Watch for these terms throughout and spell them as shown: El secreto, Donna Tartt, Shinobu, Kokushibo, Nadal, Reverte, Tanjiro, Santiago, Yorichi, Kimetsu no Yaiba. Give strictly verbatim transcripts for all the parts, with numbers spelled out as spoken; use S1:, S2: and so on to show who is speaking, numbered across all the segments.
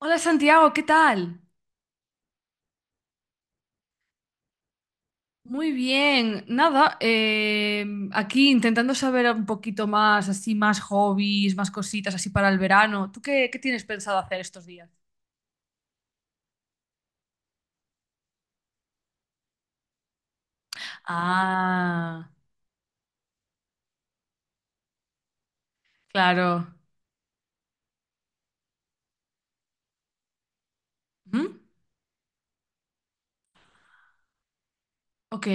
S1: Hola Santiago, ¿qué tal? Muy bien, nada, eh, aquí intentando saber un poquito más, así más hobbies, más cositas así para el verano. ¿Tú qué, qué tienes pensado hacer estos días? Ah, claro. ¿Mm? Ok,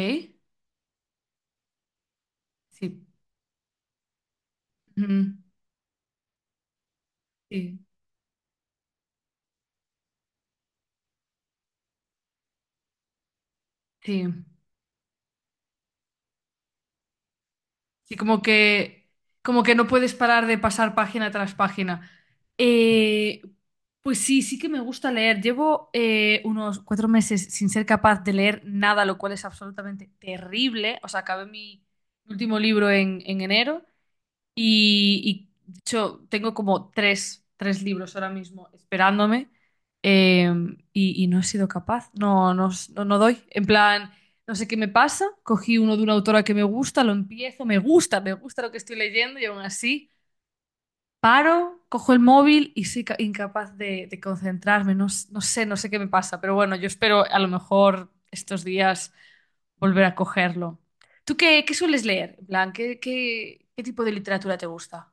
S1: sí. Ujú, sí, sí. Sí, como que, como que no puedes parar de pasar página tras página. Eh, pues sí, sí que me gusta leer. Llevo eh, unos cuatro meses sin ser capaz de leer nada, lo cual es absolutamente terrible. O sea, acabé mi último libro en, en enero y, y, de hecho, tengo como tres, tres libros ahora mismo esperándome eh, y, y no he sido capaz, no, no, no, no doy. En plan, no sé qué me pasa, cogí uno de una autora que me gusta, lo empiezo, me gusta, me gusta lo que estoy leyendo y aún así paro, cojo el móvil y soy ca- incapaz de, de concentrarme, no, s- no sé, no sé qué me pasa, pero bueno, yo espero a lo mejor estos días volver a cogerlo. ¿Tú qué, qué sueles leer? En plan, ¿qué, qué, qué tipo de literatura te gusta?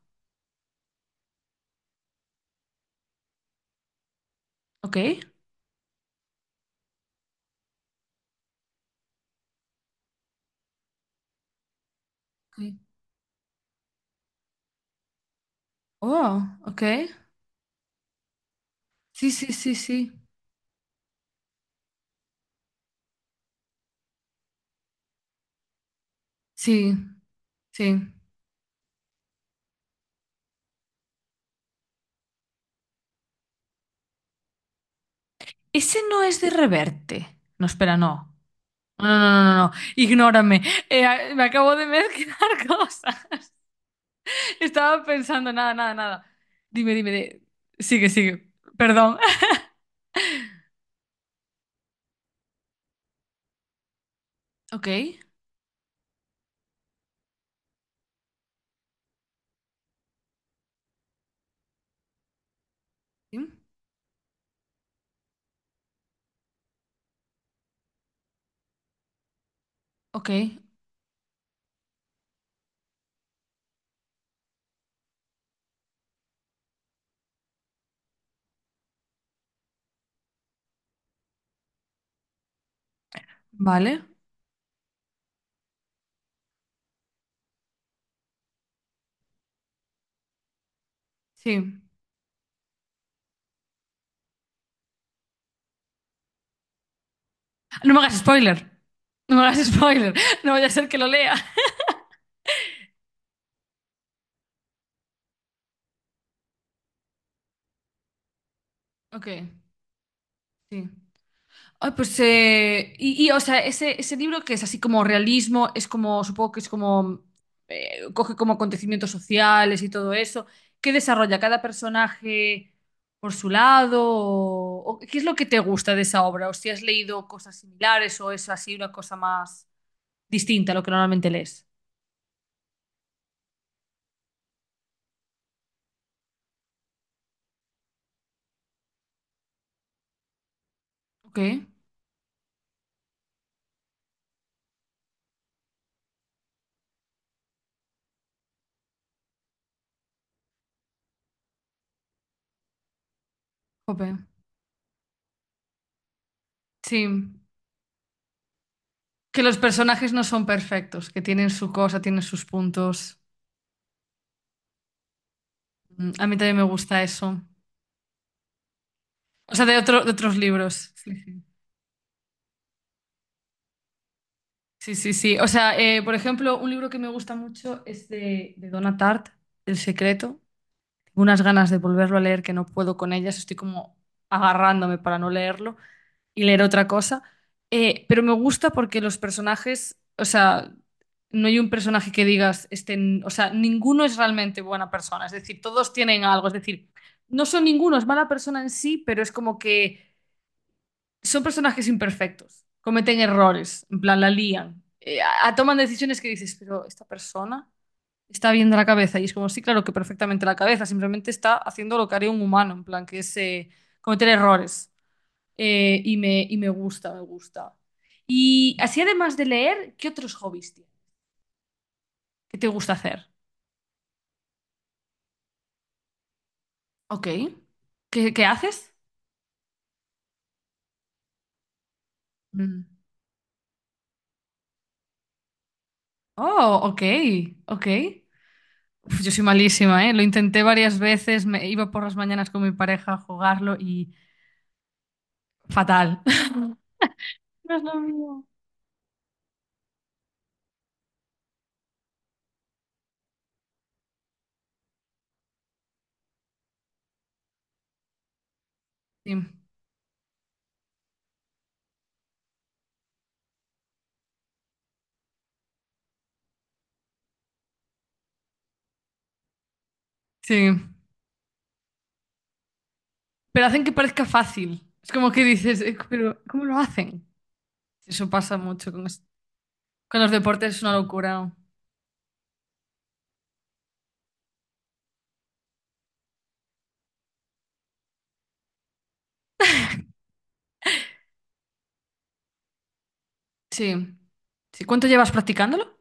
S1: Ok. Ok. Oh, ok. Sí, sí, sí, sí. Sí, sí. Ese no es de Reverte. No, espera, no. No, no, no, no, no. No. Ignórame. Eh, a- me acabo de mezclar cosas. Estaba pensando, nada, nada, nada. Dime, dime, de- sigue, sigue. Perdón. Ok. Sí. Ok. Vale. Sí. No me hagas spoiler. No me hagas spoiler. No vaya a ser que lo lea. Ok. Sí. Ay, pues, eh, y, y, o sea, ese, ese libro que es así como realismo, es como, supongo que es como, eh, coge como acontecimientos sociales y todo eso, ¿qué desarrolla cada personaje por su lado? ¿O, o qué es lo que te gusta de esa obra? ¿O si has leído cosas similares o es así una cosa más distinta a lo que normalmente lees? Ok, jope. Sí, que los personajes no son perfectos, que tienen su cosa, tienen sus puntos. Mm, a mí también me gusta eso. O sea, de otro, de otros libros. Sí, sí. Sí, sí, sí. O sea, eh, por ejemplo, un libro que me gusta mucho es de, de Donna Tartt, El secreto. Tengo unas ganas de volverlo a leer que no puedo con ellas, estoy como agarrándome para no leerlo y leer otra cosa. Eh, pero me gusta porque los personajes, o sea, no hay un personaje que digas, este, n- o sea, ninguno es realmente buena persona, es decir, todos tienen algo, es decir, no son ninguno, es mala persona en sí, pero es como que son personajes imperfectos, cometen errores, en plan, la lían, eh, a- a- toman decisiones que dices, pero esta persona está bien de la cabeza. Y es como, sí, claro que perfectamente la cabeza, simplemente está haciendo lo que haría un humano, en plan, que es eh, cometer errores. Eh, y me, y me gusta, me gusta. Y así, además de leer, ¿qué otros hobbies tienes? ¿Qué te gusta hacer? Ok. ¿Qué, qué haces? Mm. Oh, ok, ok. Uf, yo soy malísima, ¿eh? Lo intenté varias veces, me iba por las mañanas con mi pareja a jugarlo y fatal. No es lo mío. Sí, sí. Pero hacen que parezca fácil. Es como que dices, "Eh, pero ¿cómo lo hacen? Eso pasa mucho con, es- con los deportes, es una locura. Sí. Sí. ¿Cuánto llevas practicándolo?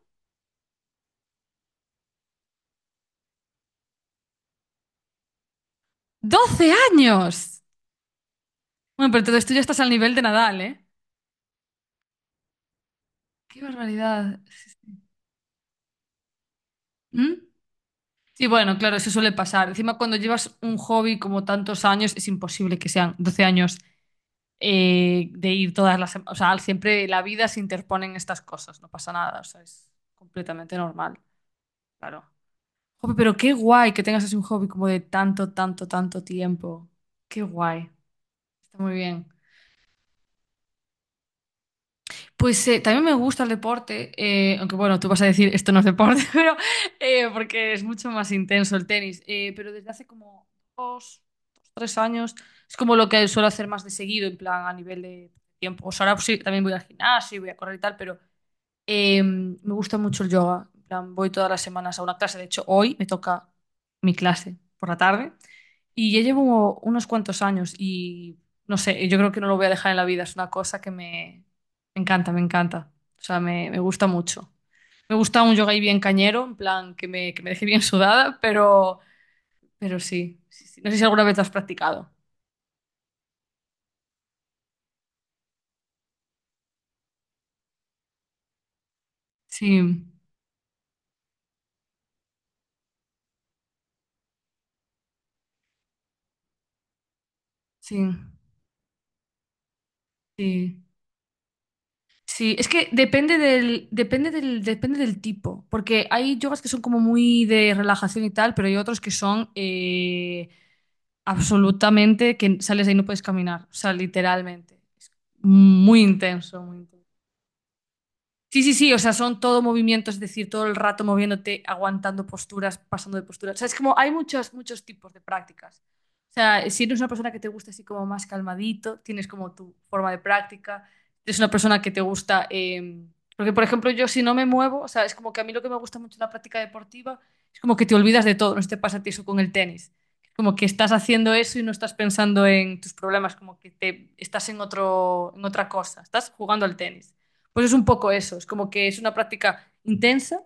S1: ¡Doce años! Bueno, pero entonces tú ya estás al nivel de Nadal, ¿eh? ¡Qué barbaridad! Sí, sí. ¿Mm? Sí, bueno, claro, eso suele pasar. Encima, cuando llevas un hobby como tantos años, es imposible que sean doce años eh, de ir todas las semanas. O sea, siempre la vida se interponen estas cosas, no pasa nada, o sea, es completamente normal, claro. Jope, pero qué guay que tengas así un hobby como de tanto, tanto, tanto tiempo. Qué guay, está muy bien. Pues eh, también me gusta el deporte, eh, aunque bueno, tú vas a decir esto no es deporte, pero eh, porque es mucho más intenso el tenis. Eh, pero desde hace como dos, dos, tres años es como lo que suelo hacer más de seguido, en plan a nivel de tiempo. O sea, ahora pues, sí, también voy al gimnasio y voy a correr y tal, pero eh, me gusta mucho el yoga. En plan, voy todas las semanas a una clase. De hecho, hoy me toca mi clase por la tarde. Y ya llevo unos cuantos años y no sé, yo creo que no lo voy a dejar en la vida. Es una cosa que me, me encanta, me encanta. O sea, me, me gusta mucho. Me gusta un yoga ahí bien cañero, en plan, que me, que me deje bien sudada, pero, pero sí, sí, sí. No sé si alguna vez lo has practicado. Sí, sí, sí. Sí, es que depende del, depende del, depende del tipo, porque hay yogas que son como muy de relajación y tal, pero hay otros que son eh, absolutamente que sales de ahí y no puedes caminar, o sea, literalmente. Es muy intenso, muy intenso. Sí, sí, sí, o sea, son todo movimiento, es decir, todo el rato moviéndote, aguantando posturas, pasando de posturas. O sea, es como hay muchos, muchos tipos de prácticas. O sea, si eres una persona que te gusta así como más calmadito, tienes como tu forma de práctica. Si eres una persona que te gusta, eh, porque por ejemplo yo si no me muevo, o sea, es como que a mí lo que me gusta mucho en la práctica deportiva es como que te olvidas de todo, no sé si te pasa a ti eso con el tenis. Como que estás haciendo eso y no estás pensando en tus problemas, como que te, estás en otro, en otra cosa, estás jugando al tenis. Pues es un poco eso, es como que es una práctica intensa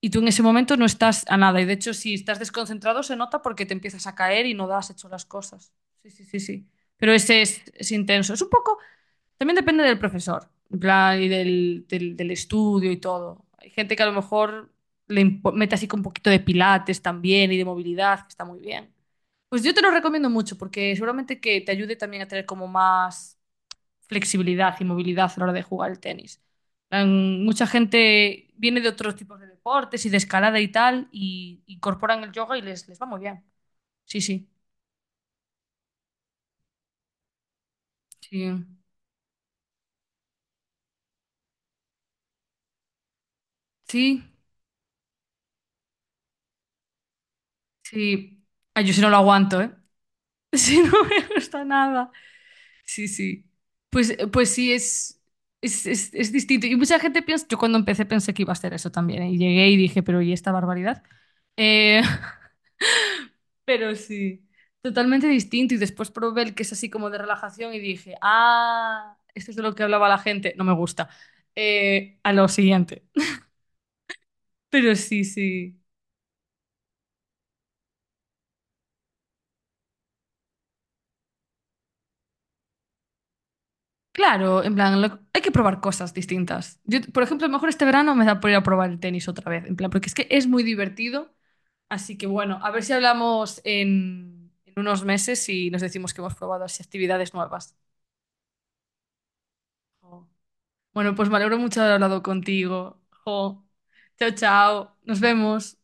S1: y tú en ese momento no estás a nada. Y de hecho, si estás desconcentrado, se nota porque te empiezas a caer y no das hecho las cosas. Sí, sí, sí, sí. Pero ese es, es intenso. Es un poco, también depende del profesor, en plan, y del, del- del estudio y todo. Hay gente que a lo mejor le impo- mete así con un poquito de pilates también y de movilidad, que está muy bien. Pues yo te lo recomiendo mucho porque seguramente que te ayude también a tener como más flexibilidad y movilidad a la hora de jugar el tenis. En- Mucha gente viene de otros tipos de deportes y de escalada y tal, y incorporan el yoga y les, les va muy bien. Sí, sí, sí, sí, sí. Ay, yo si no lo aguanto, ¿eh? Si no me gusta nada. Sí, sí. Pues, eh, pues sí, es, es, es, es distinto. Y mucha gente piensa, yo cuando empecé pensé que iba a ser eso también, ¿eh? Y llegué y dije, pero ¿y esta barbaridad? Eh, pero sí, totalmente distinto. Y después probé el que es así como de relajación y dije, ah, esto es de lo que hablaba la gente, no me gusta. Eh, a lo siguiente. Pero sí, sí. Claro, en plan, lo- hay que probar cosas distintas. Yo, por ejemplo, a lo mejor este verano me da por ir a probar el tenis otra vez, en plan, porque es que es muy divertido. Así que bueno, a ver si hablamos en, en unos meses y nos decimos que hemos probado así actividades nuevas. Bueno, pues me alegro mucho de haber hablado contigo. Jo. Chao, chao. Nos vemos.